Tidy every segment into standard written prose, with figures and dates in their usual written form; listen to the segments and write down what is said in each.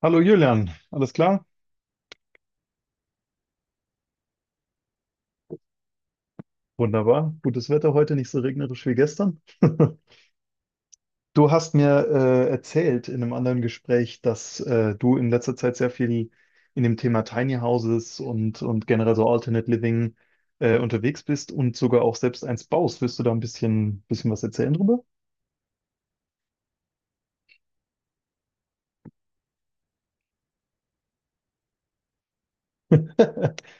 Hallo Julian, alles klar? Wunderbar. Gutes Wetter heute, nicht so regnerisch wie gestern. Du hast mir erzählt in einem anderen Gespräch, dass du in letzter Zeit sehr viel in dem Thema Tiny Houses und generell so Alternate Living unterwegs bist und sogar auch selbst eins baust. Willst du da ein bisschen was erzählen drüber?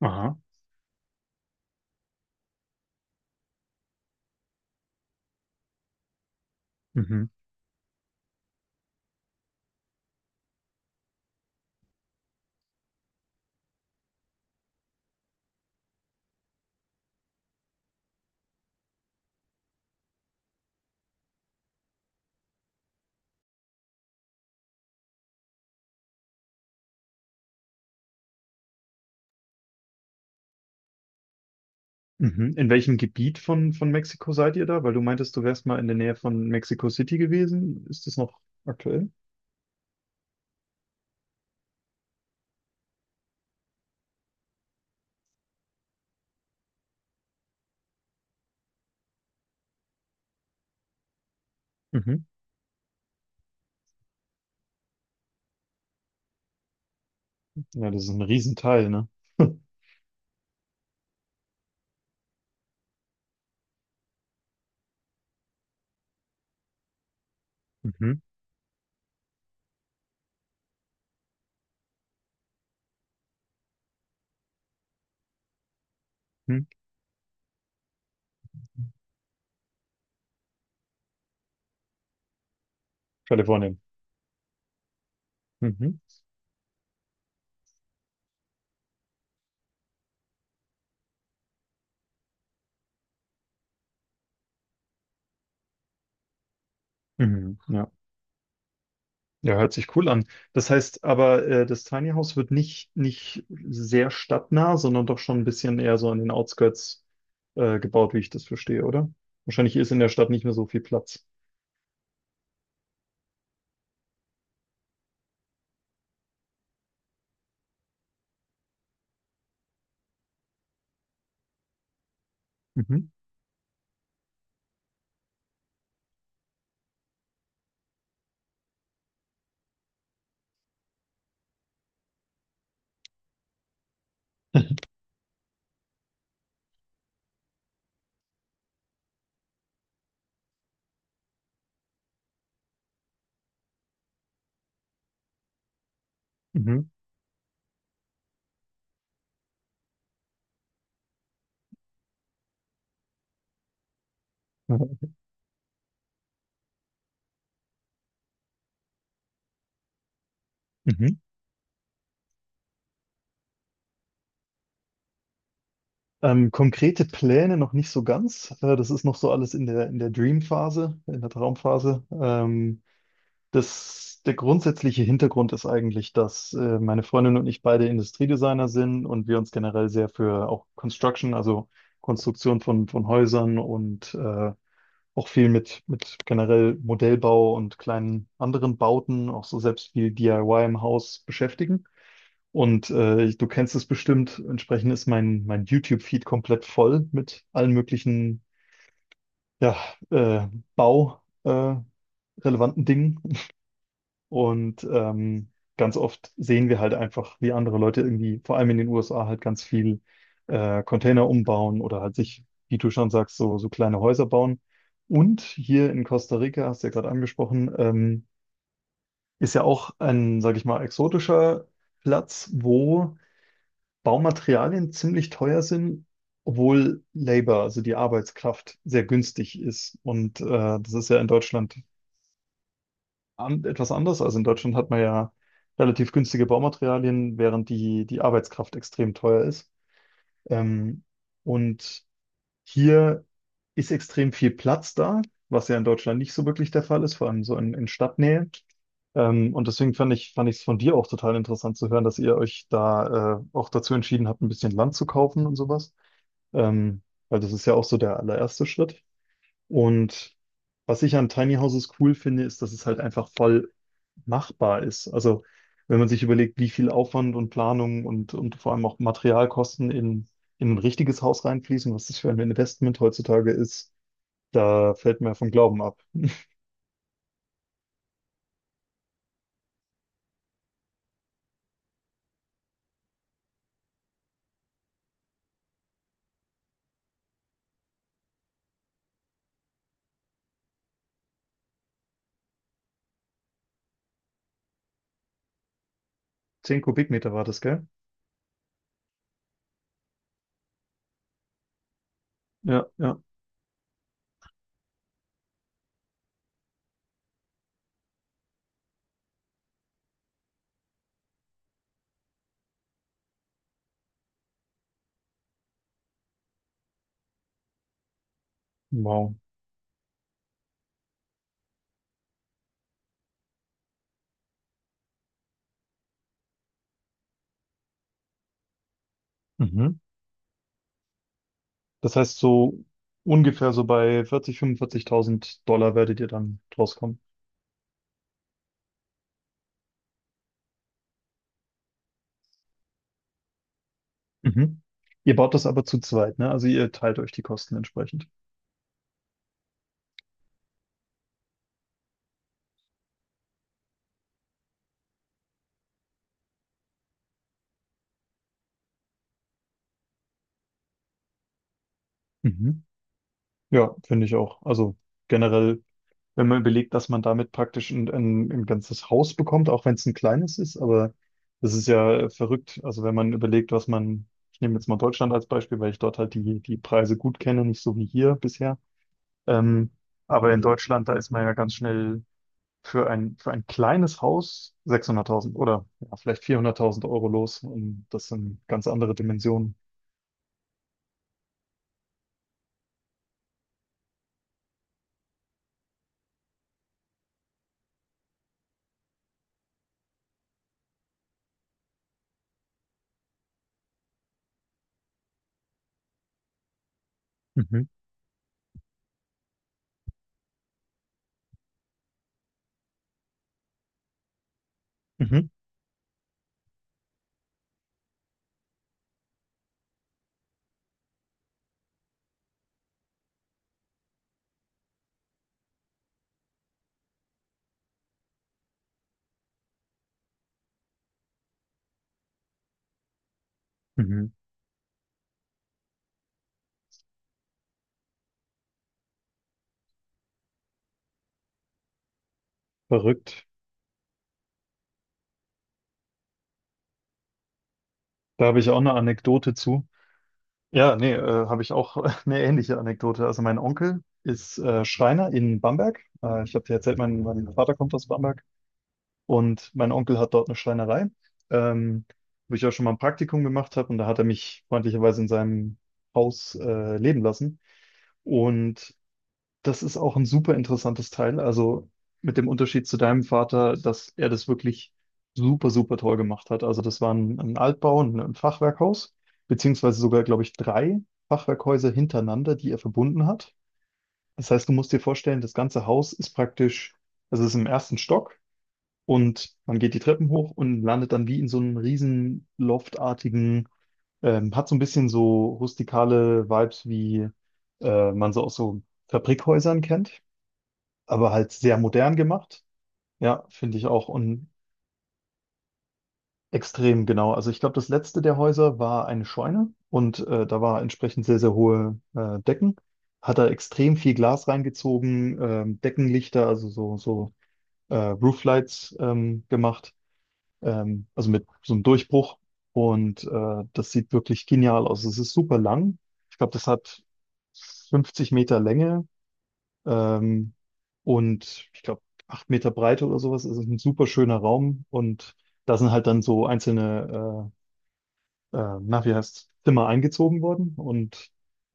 Aha. Mhm. Mhm. In welchem Gebiet von Mexiko seid ihr da? Weil du meintest, du wärst mal in der Nähe von Mexico City gewesen. Ist das noch aktuell? Ja, das ist ein Riesenteil, ne? Mhm. Mhm. Kalifornien. Mhm. Mhm. Ja. Ja, hört sich cool an. Das heißt aber, das Tiny House wird nicht sehr stadtnah, sondern doch schon ein bisschen eher so an den Outskirts gebaut, wie ich das verstehe, oder? Wahrscheinlich ist in der Stadt nicht mehr so viel Platz. Mhm. Mhm. Mhm. Mhm. Konkrete Pläne noch nicht so ganz. Das ist noch so alles in der Dream-Phase, in der Traumphase. Der grundsätzliche Hintergrund ist eigentlich, dass meine Freundin und ich beide Industriedesigner sind und wir uns generell sehr für auch Construction, also Konstruktion von Häusern und auch viel mit generell Modellbau und kleinen anderen Bauten, auch so selbst viel DIY im Haus beschäftigen. Und du kennst es bestimmt, entsprechend ist mein YouTube-Feed komplett voll mit allen möglichen ja, äh, Bau, relevanten Dingen. Und ganz oft sehen wir halt einfach, wie andere Leute irgendwie, vor allem in den USA, halt ganz viel Container umbauen oder halt sich, wie du schon sagst, so kleine Häuser bauen. Und hier in Costa Rica, hast du ja gerade angesprochen, ist ja auch ein, sag ich mal, exotischer Platz, wo Baumaterialien ziemlich teuer sind, obwohl Labor, also die Arbeitskraft, sehr günstig ist. Und das ist ja in Deutschland etwas anders. Also in Deutschland hat man ja relativ günstige Baumaterialien, während die Arbeitskraft extrem teuer ist. Ähm, und hier ist extrem viel Platz da, was ja in Deutschland nicht so wirklich der Fall ist, vor allem so in Stadtnähe. Und deswegen fand ich es von dir auch total interessant zu hören, dass ihr euch da auch dazu entschieden habt, ein bisschen Land zu kaufen und sowas. Ähm, weil das ist ja auch so der allererste Schritt. Und was ich an Tiny Houses cool finde, ist, dass es halt einfach voll machbar ist. Also wenn man sich überlegt, wie viel Aufwand und Planung und vor allem auch Materialkosten in ein richtiges Haus reinfließen, was das für ein Investment heutzutage ist, da fällt mir vom Glauben ab. 10 Kubikmeter war das, gell? Ja, ja. Wow. Mhm. Das heißt, so ungefähr so bei 40.000, $45.000 werdet ihr dann draus kommen. Mhm. Ihr baut das aber zu zweit, ne? Also ihr teilt euch die Kosten entsprechend. Mhm. Ja, finde ich auch. Also generell, wenn man überlegt, dass man damit praktisch ein ganzes Haus bekommt, auch wenn es ein kleines ist, aber das ist ja verrückt. Also wenn man überlegt, ich nehme jetzt mal Deutschland als Beispiel, weil ich dort halt die Preise gut kenne, nicht so wie hier bisher. Ähm, aber in Deutschland, da ist man ja ganz schnell für ein kleines Haus 600.000 oder ja, vielleicht 400.000 € los. Und das sind ganz andere Dimensionen. Mhm, mhm, mhm. Verrückt. Da habe ich auch eine Anekdote zu. Ja, nee, habe ich auch eine ähnliche Anekdote. Also mein Onkel ist Schreiner in Bamberg. Ich habe dir erzählt, mein Vater kommt aus Bamberg und mein Onkel hat dort eine Schreinerei, ähm, wo ich auch schon mal ein Praktikum gemacht habe und da hat er mich freundlicherweise in seinem Haus leben lassen. Und das ist auch ein super interessantes Teil. Also mit dem Unterschied zu deinem Vater, dass er das wirklich super, super toll gemacht hat. Also das war ein Altbau, ein Fachwerkhaus, beziehungsweise sogar, glaube ich, drei Fachwerkhäuser hintereinander, die er verbunden hat. Das heißt, du musst dir vorstellen, das ganze Haus ist praktisch, also es ist im ersten Stock und man geht die Treppen hoch und landet dann wie in so einem riesen loftartigen, hat so ein bisschen so rustikale Vibes, wie man so aus so Fabrikhäusern kennt, aber halt sehr modern gemacht. Ja, finde ich auch und extrem genau. Also ich glaube, das letzte der Häuser war eine Scheune und da war entsprechend sehr, sehr hohe Decken. Hat er extrem viel Glas reingezogen, Deckenlichter, also so Rooflights gemacht, also mit so einem Durchbruch. Und das sieht wirklich genial aus. Es ist super lang. Ich glaube, das hat 50 Meter Länge. Ähm, und ich glaube, 8 Meter Breite oder sowas. Es ist ein super schöner Raum und da sind halt dann so einzelne, na, wie heißt, Zimmer eingezogen worden und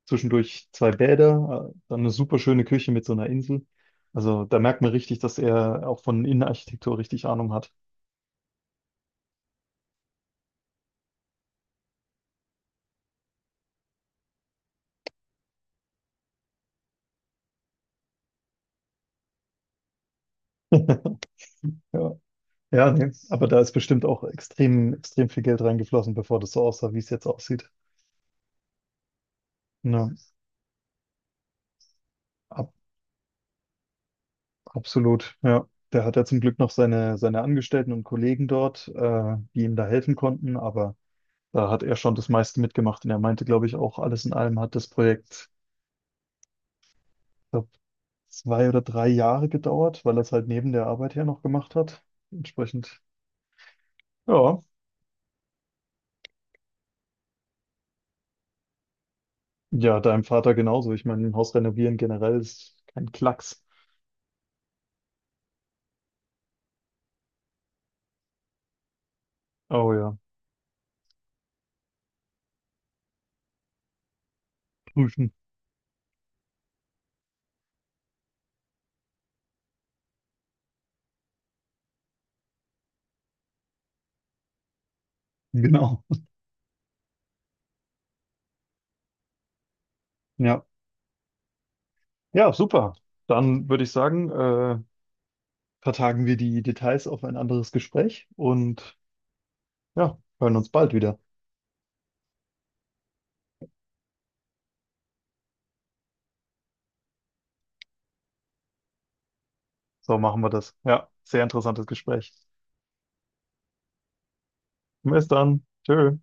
zwischendurch zwei Bäder, dann eine super schöne Küche mit so einer Insel. Also da merkt man richtig, dass er auch von Innenarchitektur richtig Ahnung hat. Ja, ja, nee. Aber da ist bestimmt auch extrem, extrem viel Geld reingeflossen, bevor das so aussah, wie es jetzt aussieht. Ja. Absolut, ja. Der hat ja zum Glück noch seine Angestellten und Kollegen dort, die ihm da helfen konnten, aber da hat er schon das meiste mitgemacht und er meinte, glaube ich, auch alles in allem hat das Projekt, glaub, 2 oder 3 Jahre gedauert, weil er es halt neben der Arbeit her noch gemacht hat. Entsprechend, ja. Ja, deinem Vater genauso. Ich meine, ein Haus renovieren generell ist kein Klacks. Oh ja, prüfen. Genau. Ja. Ja, super. Dann würde ich sagen, vertagen wir die Details auf ein anderes Gespräch und ja, hören uns bald wieder. So machen wir das. Ja, sehr interessantes Gespräch. Bis dann. Tschö.